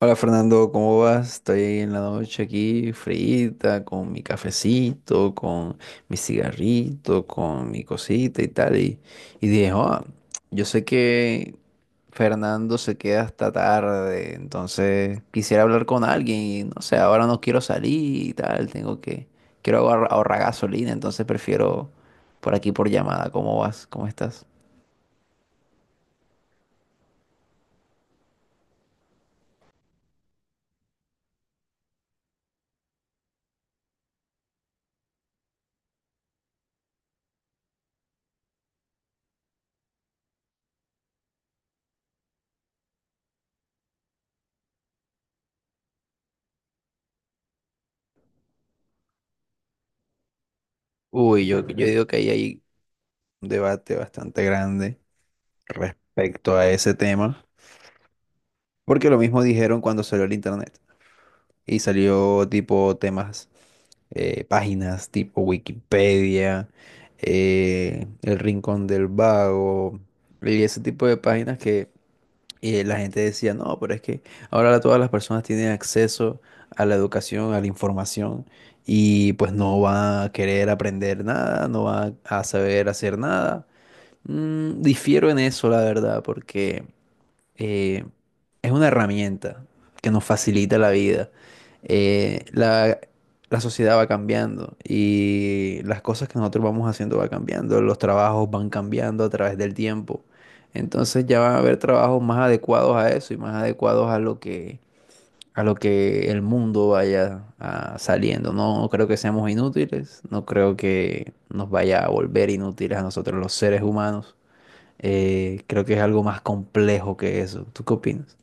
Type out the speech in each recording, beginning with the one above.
Hola Fernando, ¿cómo vas? Estoy en la noche aquí, frita, con mi cafecito, con mi cigarrito, con mi cosita y tal. Y dije, "Ah, yo sé que Fernando se queda hasta tarde, entonces quisiera hablar con alguien y no sé, ahora no quiero salir y tal, tengo que, quiero ahorrar gasolina, entonces prefiero por aquí por llamada. ¿Cómo vas? ¿Cómo estás? Uy, yo digo que ahí hay un debate bastante grande respecto a ese tema, porque lo mismo dijeron cuando salió el internet y salió tipo temas, páginas tipo Wikipedia, El Rincón del Vago y ese tipo de páginas que la gente decía, no, pero es que ahora todas las personas tienen acceso a la educación, a la información. Y pues no va a querer aprender nada, no va a saber hacer nada. Mm, difiero en eso, la verdad, porque eh, es una herramienta que nos facilita la vida. Eh, la, la sociedad va cambiando y las cosas que nosotros vamos haciendo va cambiando, los trabajos van cambiando a través del tiempo. Entonces ya van a haber trabajos más adecuados a eso y más adecuados a lo que el mundo vaya saliendo. No creo que seamos inútiles, no creo que nos vaya a volver inútiles a nosotros los seres humanos. Creo que es algo más complejo que eso. ¿Tú qué opinas?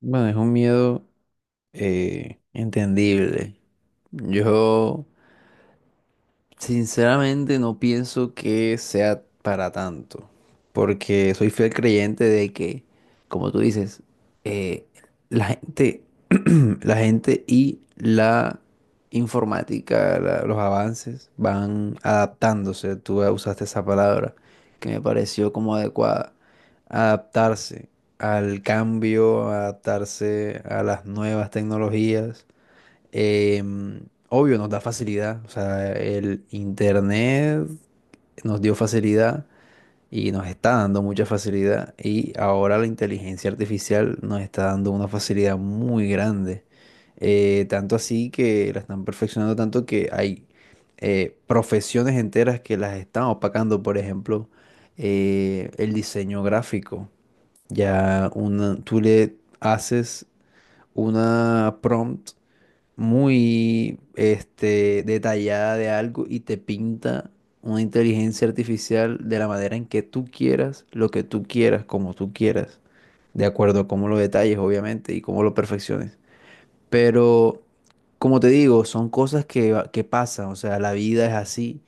Bueno, es un miedo entendible. Yo Sinceramente no pienso que sea para tanto, porque soy fiel creyente de que, como tú dices, eh, la gente, la gente y la informática, los avances van adaptándose. Tú usaste esa palabra que me pareció como adecuada. Adaptarse al cambio, adaptarse a las nuevas tecnologías. Eh, Obvio, nos da facilidad. O sea, el internet nos dio facilidad y nos está dando mucha facilidad. Y ahora la inteligencia artificial nos está dando una facilidad muy grande. Tanto así que la están perfeccionando tanto que hay profesiones enteras que las están opacando. Por ejemplo, el diseño gráfico. Ya una, tú le haces una prompt muy este, detallada de algo y te pinta una inteligencia artificial de la manera en que tú quieras, lo que tú quieras, como tú quieras, de acuerdo a cómo lo detalles, obviamente, y cómo lo perfecciones. Pero, como te digo, son cosas que, que pasan, o sea, la vida es así.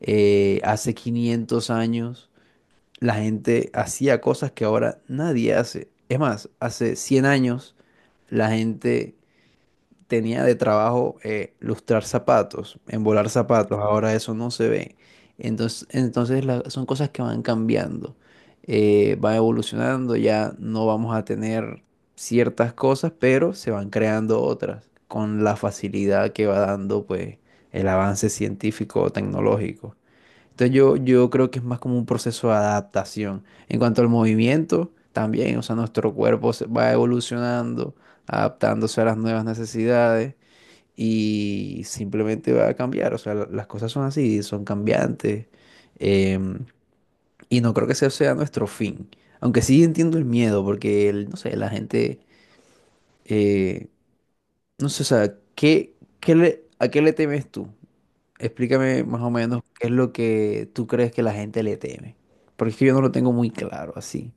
Hace 500 años la gente hacía cosas que ahora nadie hace. Es más, hace 100 años la gente tenía de trabajo lustrar zapatos, embolar zapatos, ahora eso no se ve. Entonces son cosas que van cambiando, van evolucionando, ya no vamos a tener ciertas cosas, pero se van creando otras con la facilidad que va dando pues el avance científico o tecnológico. Entonces yo creo que es más como un proceso de adaptación. En cuanto al movimiento, también, o sea, nuestro cuerpo se va evolucionando, adaptándose a las nuevas necesidades y simplemente va a cambiar. O sea, las cosas son así, son cambiantes. em, y no creo que ese sea nuestro fin. Aunque sí entiendo el miedo, porque, no sé, la gente, eh, no sé, o sea, ¿a qué le temes tú? Explícame más o menos qué es lo que tú crees que la gente le teme. Porque es que yo no lo tengo muy claro así.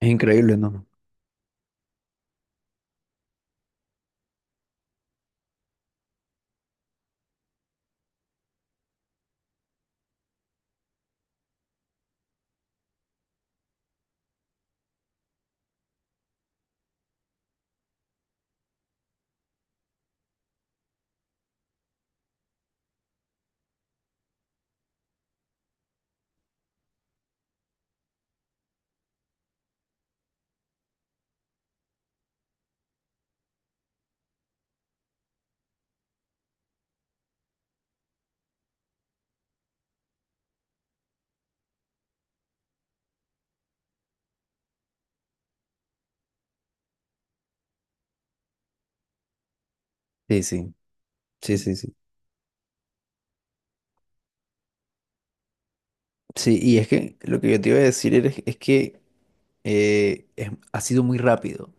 Es increíble, ¿no? Sí, sí, sí, sí, sí. Sí, y es que lo que yo te iba a decir es que ha sido muy rápido.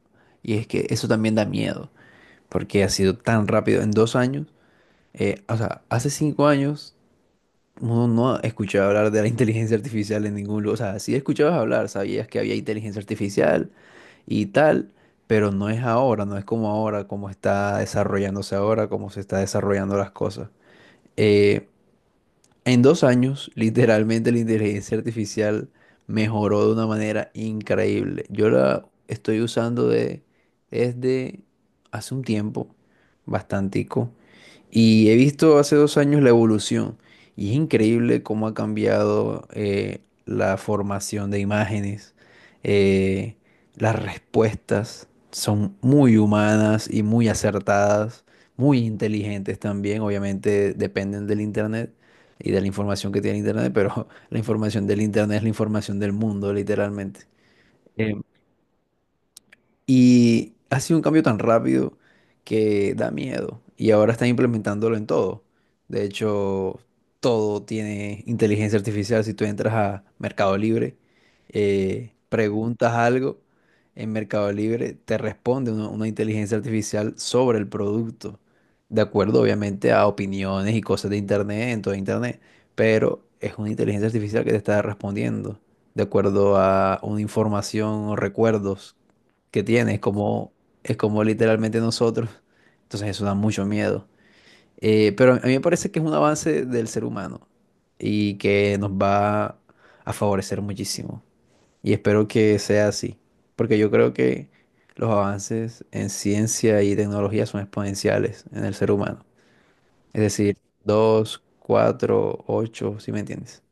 Y es que eso también da miedo, porque ha sido tan rápido. En 2 años, o sea, hace 5 años uno no escuchaba hablar de la inteligencia artificial en ningún lugar. O sea, sí escuchabas hablar, sabías que había inteligencia artificial, y tal, pero no es ahora, no es como ahora, como está desarrollándose ahora, como se está desarrollando las cosas. Eh, en 2 años, literalmente la inteligencia artificial mejoró de una manera increíble. Yo la estoy usando de, desde hace un tiempo, bastantico, y he visto hace 2 años la evolución. Y es increíble cómo ha cambiado la formación de imágenes. eh, las respuestas son muy humanas y muy acertadas, muy inteligentes también, obviamente dependen del internet y de la información que tiene Internet, pero la información del Internet es la información del mundo, literalmente. Y ha sido un cambio tan rápido que da miedo. Y ahora están implementándolo en todo. De hecho, todo tiene inteligencia artificial. Si tú entras a Mercado Libre, preguntas algo en Mercado Libre, te responde una inteligencia artificial sobre el producto. De acuerdo, obviamente, a opiniones y cosas de internet, en todo internet. Pero es una inteligencia artificial que te está respondiendo de acuerdo a una información o recuerdos que tiene, es como literalmente nosotros. Entonces eso da mucho miedo. Pero a mí me parece que es un avance del ser humano y que nos va a favorecer muchísimo. Y espero que sea así, porque yo creo que los avances en ciencia y tecnología son exponenciales en el ser humano. Es decir, 2 4 8, ¿si me entiendes?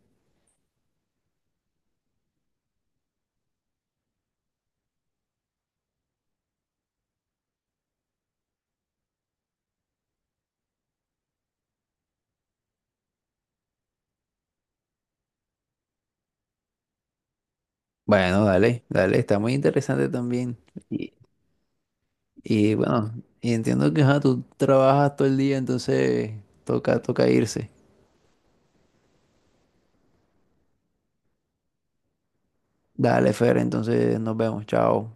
Bueno, dale, dale, está muy interesante también. Y- Y bueno, y entiendo que ajá, tú trabajas todo el día, entonces toca, toca irse. Dale, Fer, entonces nos vemos, chao.